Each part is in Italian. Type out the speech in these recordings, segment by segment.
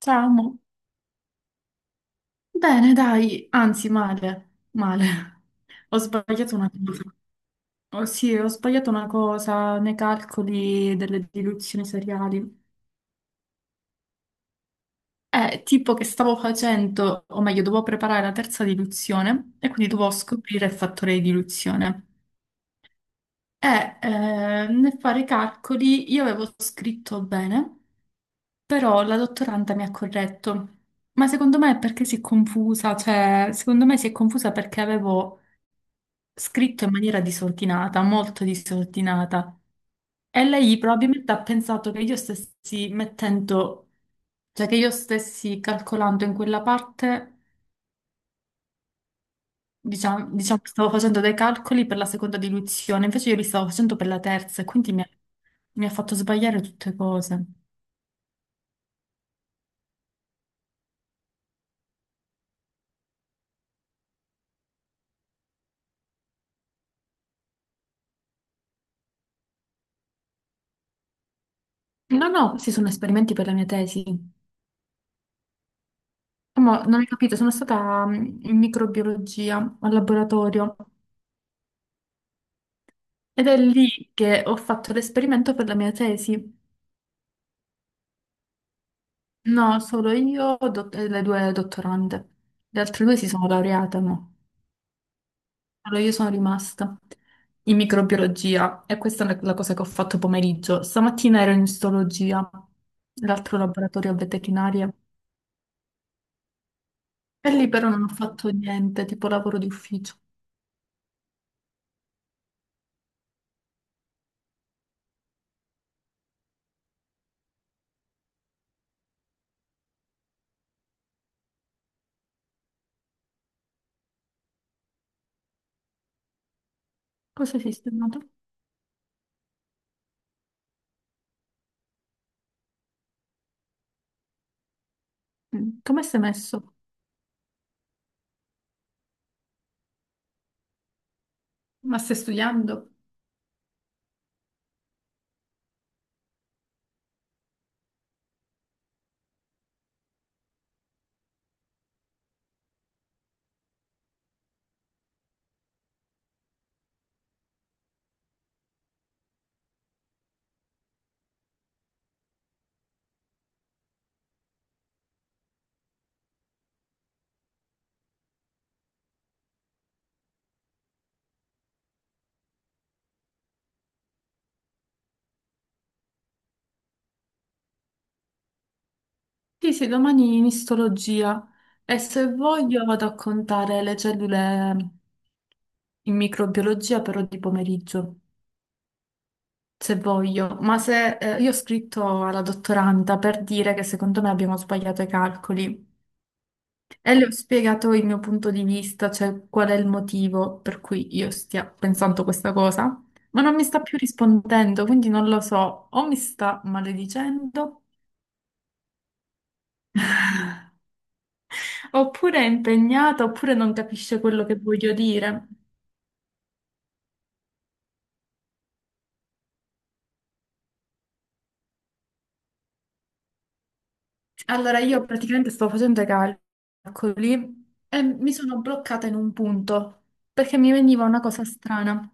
Ciao, amore. Bene, dai, anzi, male, male. Ho sbagliato una cosa. Oh, sì, ho sbagliato una cosa nei calcoli delle diluzioni seriali. È tipo che stavo facendo, o meglio, dovevo preparare la terza diluzione e quindi dovevo scoprire il fattore di diluzione. Nel fare i calcoli io avevo scritto bene. Però la dottoranda mi ha corretto, ma secondo me è perché si è confusa, cioè secondo me si è confusa perché avevo scritto in maniera disordinata, molto disordinata. E lei probabilmente ha pensato che io stessi mettendo, cioè che io stessi calcolando in quella parte, diciamo, che stavo facendo dei calcoli per la seconda diluizione, invece io li stavo facendo per la terza e quindi mi ha fatto sbagliare tutte cose. No, no, questi sono esperimenti per la mia tesi. Ma non hai capito, sono stata in microbiologia al laboratorio ed è lì che ho fatto l'esperimento per la mia tesi. No, solo io e le due dottorande. Le altre due si sono laureate, no. Solo io sono rimasta in microbiologia e questa è la cosa che ho fatto pomeriggio. Stamattina ero in istologia, l'altro laboratorio a veterinaria. E lì però non ho fatto niente, tipo lavoro di ufficio. Cosa hai sistemato? Mm, come sei messo? Ma stai studiando? Sì, sì, domani in istologia e se voglio vado a contare le cellule in microbiologia però di pomeriggio, se voglio. Ma se io ho scritto alla dottoranda per dire che secondo me abbiamo sbagliato i calcoli e le ho spiegato il mio punto di vista, cioè qual è il motivo per cui io stia pensando questa cosa, ma non mi sta più rispondendo, quindi non lo so, o mi sta maledicendo, oppure è impegnata, oppure non capisce quello che voglio dire. Allora, io praticamente stavo facendo i calcoli e mi sono bloccata in un punto perché mi veniva una cosa strana.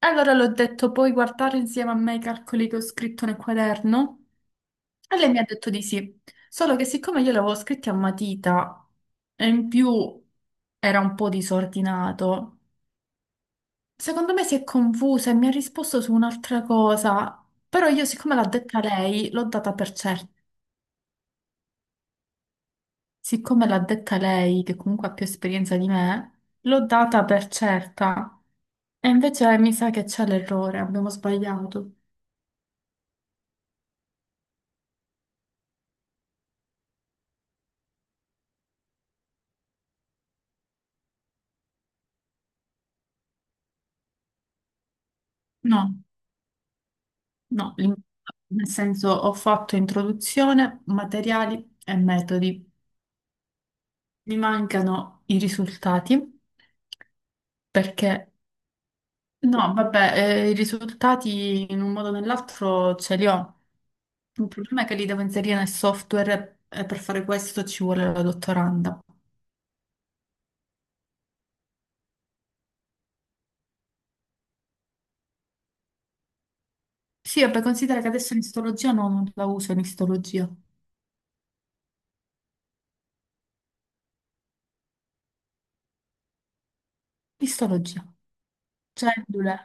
Allora l'ho detto, puoi guardare insieme a me i calcoli che ho scritto nel quaderno? E lei mi ha detto di sì. Solo che siccome io li avevo scritti a matita e in più era un po' disordinato, secondo me si è confusa e mi ha risposto su un'altra cosa. Però io, siccome l'ha detta lei, l'ho data per certa. Siccome l'ha detta lei, che comunque ha più esperienza di me, l'ho data per certa. E invece mi sa che c'è l'errore, abbiamo sbagliato. No, no, nel senso ho fatto introduzione, materiali e metodi. Mi mancano i risultati perché, no, vabbè, i risultati in un modo o nell'altro ce li ho. Il problema è che li devo inserire nel software e per fare questo ci vuole la dottoranda. Sì, vabbè, considera che adesso l'istologia no, non la uso in istologia. Istologia. Cellule.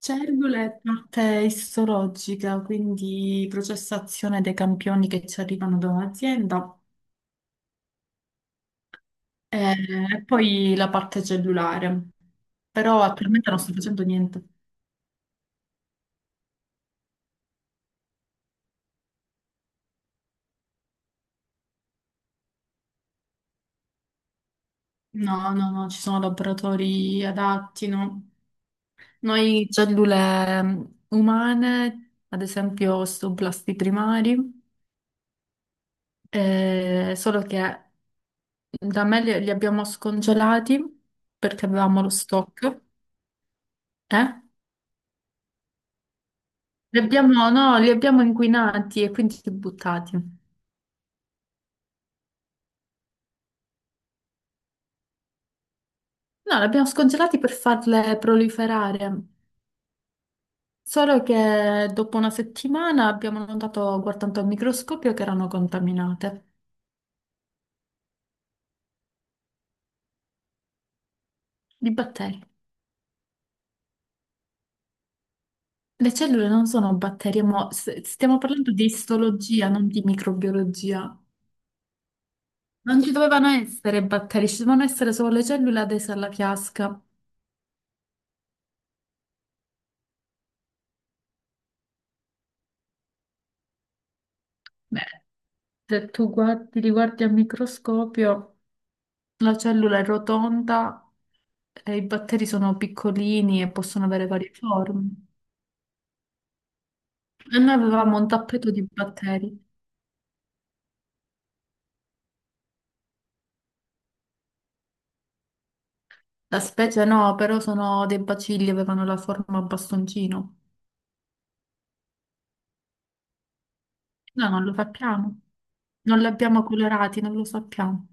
Cellule è parte istologica, quindi processazione dei campioni che ci arrivano da un'azienda e poi la parte cellulare. Però attualmente non sto facendo niente. No, no, no, ci sono laboratori adatti, no? Noi cellule umane, ad esempio osteoblasti primari, solo che da me li abbiamo scongelati perché avevamo lo stock. Eh? No, li abbiamo inquinati e quindi buttati. No, li abbiamo scongelati per farle proliferare. Solo che dopo una settimana abbiamo notato, guardando al microscopio, che erano contaminate di batteri. Le cellule non sono batteri, stiamo parlando di istologia, non di microbiologia. Non ci dovevano essere batteri, ci dovevano essere solo le cellule adese alla piasca. Beh, se tu guardi, li guardi al microscopio, la cellula è rotonda e i batteri sono piccolini e possono avere varie forme. E noi avevamo un tappeto di batteri. La specie no, però sono dei bacilli, avevano la forma a bastoncino. Noi non lo sappiamo. Non li abbiamo colorati, non lo sappiamo.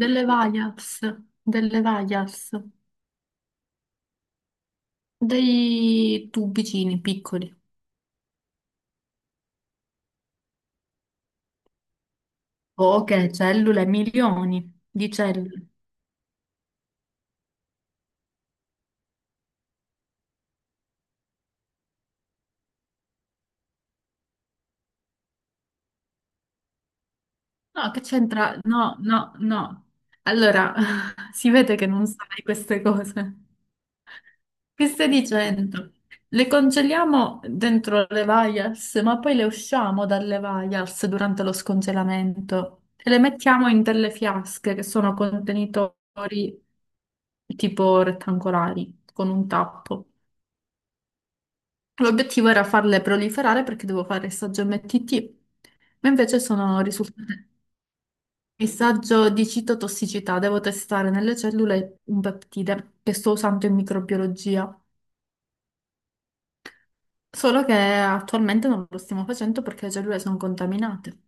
Delle vaias, delle vaias, dei tubicini piccoli. Poche cellule, milioni di cellule. No, che c'entra? No, no, no. Allora, si vede che non sai queste cose. Che stai dicendo? Le congeliamo dentro le vials, ma poi le usciamo dalle vials durante lo scongelamento e le mettiamo in delle fiasche che sono contenitori tipo rettangolari con un tappo. L'obiettivo era farle proliferare perché devo fare il saggio MTT, ma invece sono risultate. Messaggio di citotossicità. Devo testare nelle cellule un peptide che sto usando in microbiologia. Solo che attualmente non lo stiamo facendo perché le cellule sono contaminate.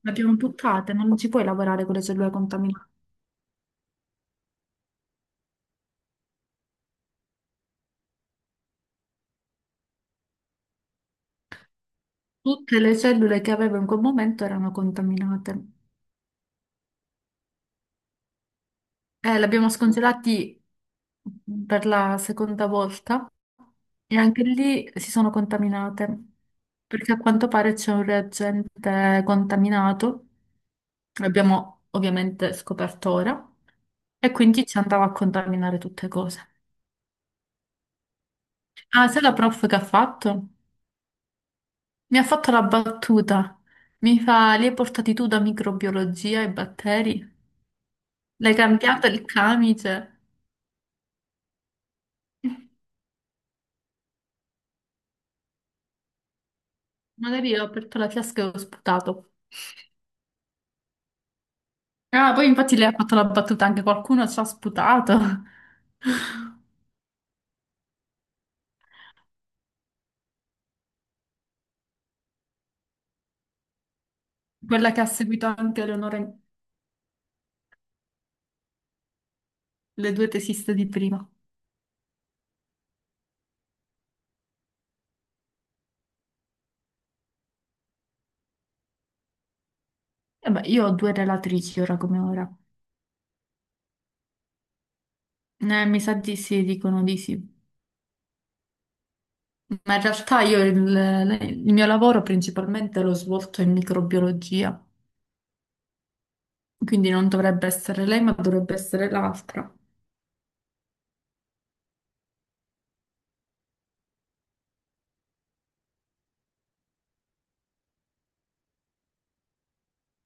Le abbiamo buttate, non ci puoi lavorare con le cellule contaminate. Tutte le cellule che avevo in quel momento erano contaminate. Le abbiamo scongelati per la seconda volta e anche lì si sono contaminate perché a quanto pare c'è un reagente contaminato. L'abbiamo ovviamente scoperto ora. E quindi ci andava a contaminare tutte cose. Ah, sai la prof che ha fatto? Mi ha fatto la battuta. Mi fa, li hai portati tu da microbiologia e batteri? L'hai cambiato il camice? Magari ho aperto la fiasca e ho sputato. Ah, poi infatti lei ha fatto la battuta, anche qualcuno ci ha sputato. Quella che ha seguito anche Eleonora, le due tesiste di prima. E beh, io ho due relatrici ora come ora. Mi sa di sì, dicono di sì. Ma in realtà il mio lavoro principalmente l'ho svolto in microbiologia, quindi non dovrebbe essere lei, ma dovrebbe essere l'altra.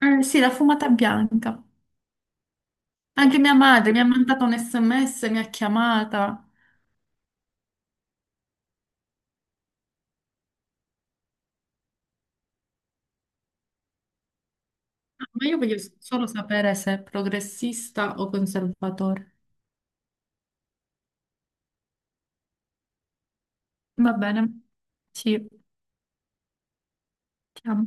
Sì, la fumata bianca. Anche mia madre mi ha mandato un SMS, mi ha chiamata. Ah, ma io voglio solo sapere se è progressista o conservatore. Va bene, sì, ti amo.